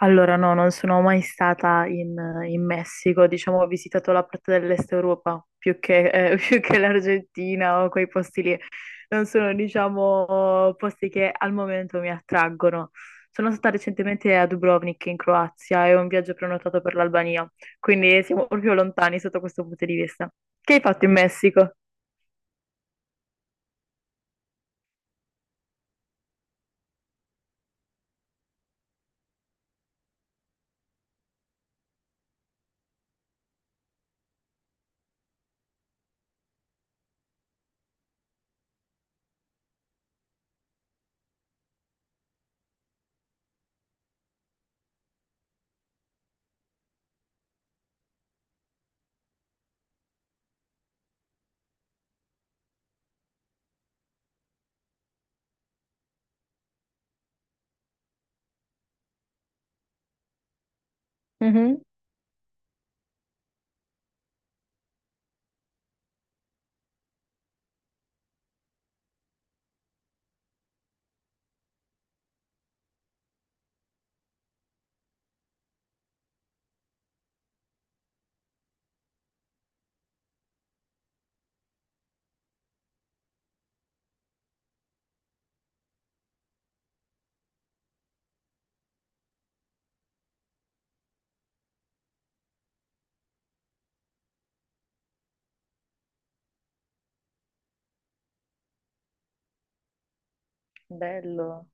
Allora, no, non sono mai stata in Messico, diciamo, ho visitato la parte dell'Est Europa più che, più che l'Argentina o quei posti lì. Non sono, diciamo, posti che al momento mi attraggono. Sono stata recentemente a Dubrovnik in Croazia e ho un viaggio prenotato per l'Albania, quindi siamo proprio lontani sotto questo punto di vista. Che hai fatto in Messico? Mhm. Bello.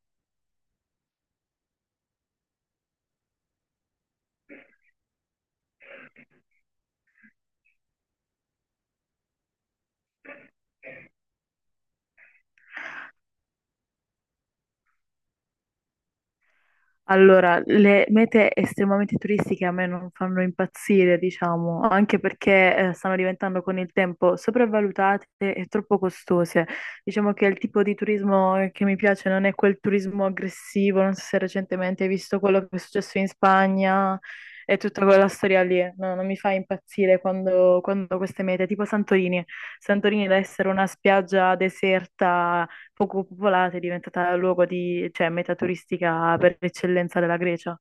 Allora, le mete estremamente turistiche a me non fanno impazzire, diciamo, anche perché stanno diventando con il tempo sopravvalutate e troppo costose. Diciamo che il tipo di turismo che mi piace non è quel turismo aggressivo, non so se recentemente hai visto quello che è successo in Spagna e tutta quella storia lì. No, non mi fa impazzire quando, queste mete, tipo Santorini. Santorini da essere una spiaggia deserta poco popolata, è diventata luogo di, cioè, meta turistica per eccellenza della Grecia,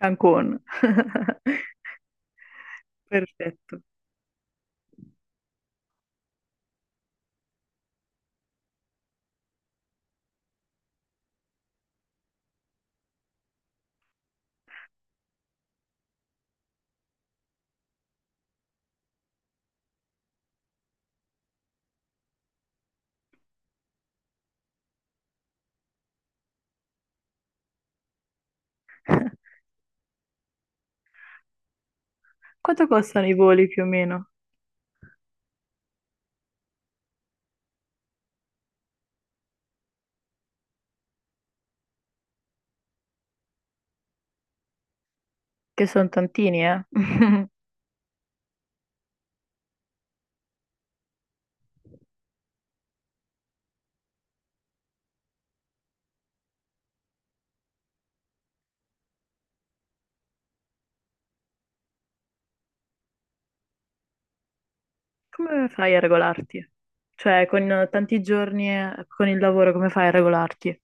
Cancun. Perfetto. Quanto costano i voli più o meno? Che sono tantini, eh? Come fai a regolarti? Cioè, con tanti giorni con il lavoro, come fai a regolarti?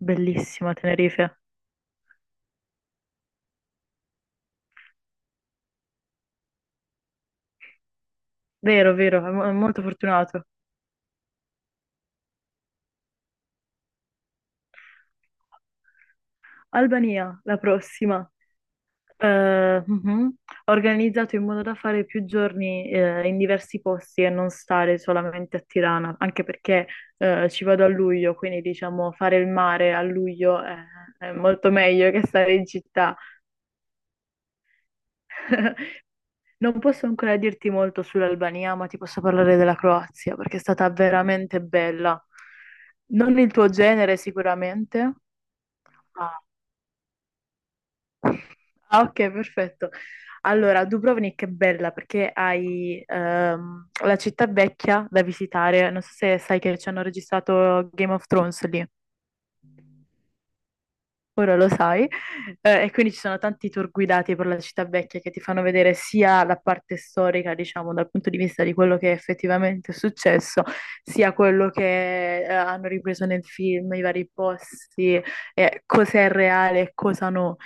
Bellissima Tenerife. Vero, vero, è molto fortunato. Albania, la prossima. Mhm. Organizzato in modo da fare più giorni in diversi posti e non stare solamente a Tirana, anche perché ci vado a luglio, quindi diciamo fare il mare a luglio è molto meglio che stare in città. Non posso ancora dirti molto sull'Albania, ma ti posso parlare della Croazia perché è stata veramente bella. Non il tuo genere sicuramente. Ah, ah, ok, perfetto. Allora, Dubrovnik è bella perché hai la città vecchia da visitare. Non so se sai che ci hanno registrato Game of Thrones lì. Ora lo sai. E quindi ci sono tanti tour guidati per la città vecchia che ti fanno vedere sia la parte storica, diciamo, dal punto di vista di quello che effettivamente è successo, sia quello che hanno ripreso nel film, i vari posti, cosa è reale e cosa no.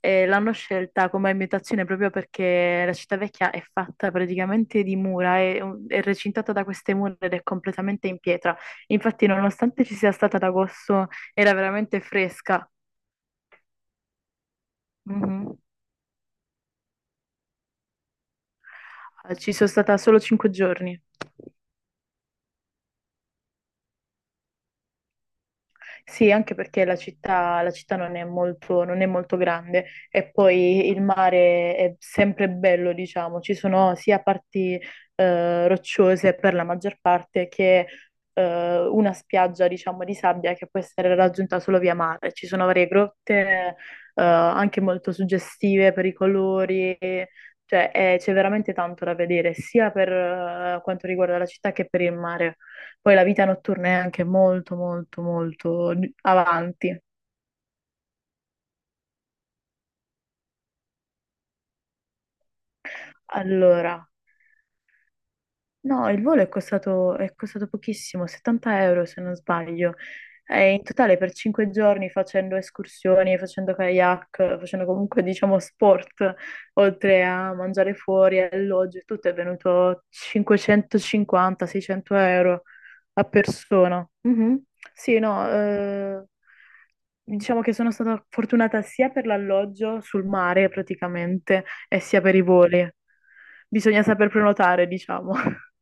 E l'hanno scelta come ambientazione proprio perché la città vecchia è fatta praticamente di mura, è recintata da queste mura ed è completamente in pietra. Infatti, nonostante ci sia stata ad agosto, era veramente fresca. Mhm. Ci sono stata solo 5 giorni. Sì, anche perché la città non è molto grande e poi il mare è sempre bello, diciamo, ci sono sia parti rocciose per la maggior parte che una spiaggia, diciamo, di sabbia che può essere raggiunta solo via mare. Ci sono varie grotte anche molto suggestive per i colori, cioè c'è veramente tanto da vedere, sia per quanto riguarda la città che per il mare. Poi la vita notturna è anche molto, molto, molto avanti. Allora, no, il volo è costato, pochissimo, 70 euro se non sbaglio. E in totale per 5 giorni facendo escursioni, facendo kayak, facendo comunque diciamo sport, oltre a mangiare fuori, alloggio, e tutto è venuto 550-600 euro a persona. Mhm. Sì, no, diciamo che sono stata fortunata sia per l'alloggio sul mare praticamente e sia per i voli. Bisogna saper prenotare, diciamo.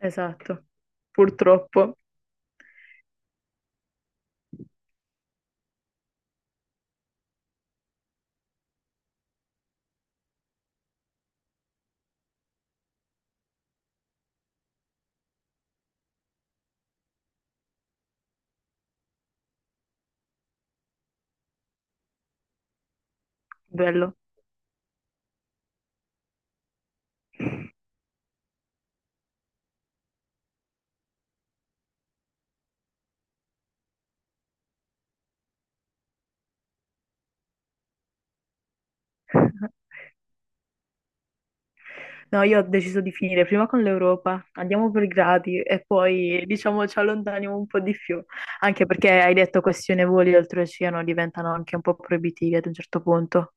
Esatto, purtroppo. Bello. No, io ho deciso di finire prima con l'Europa, andiamo per gradi e poi diciamo ci allontaniamo un po' di più, anche perché hai detto questione voli oltreoceano diventano anche un po' proibitivi ad un certo punto.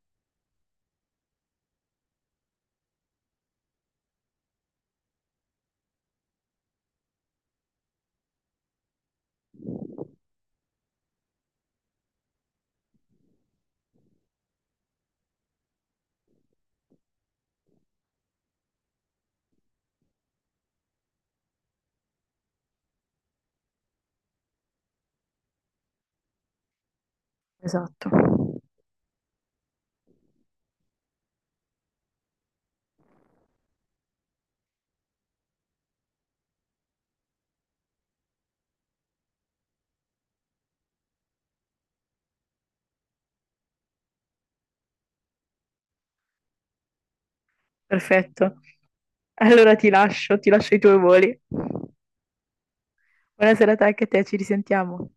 Esatto. Perfetto. Allora ti lascio i tuoi voli. Buona serata anche a te, ci risentiamo.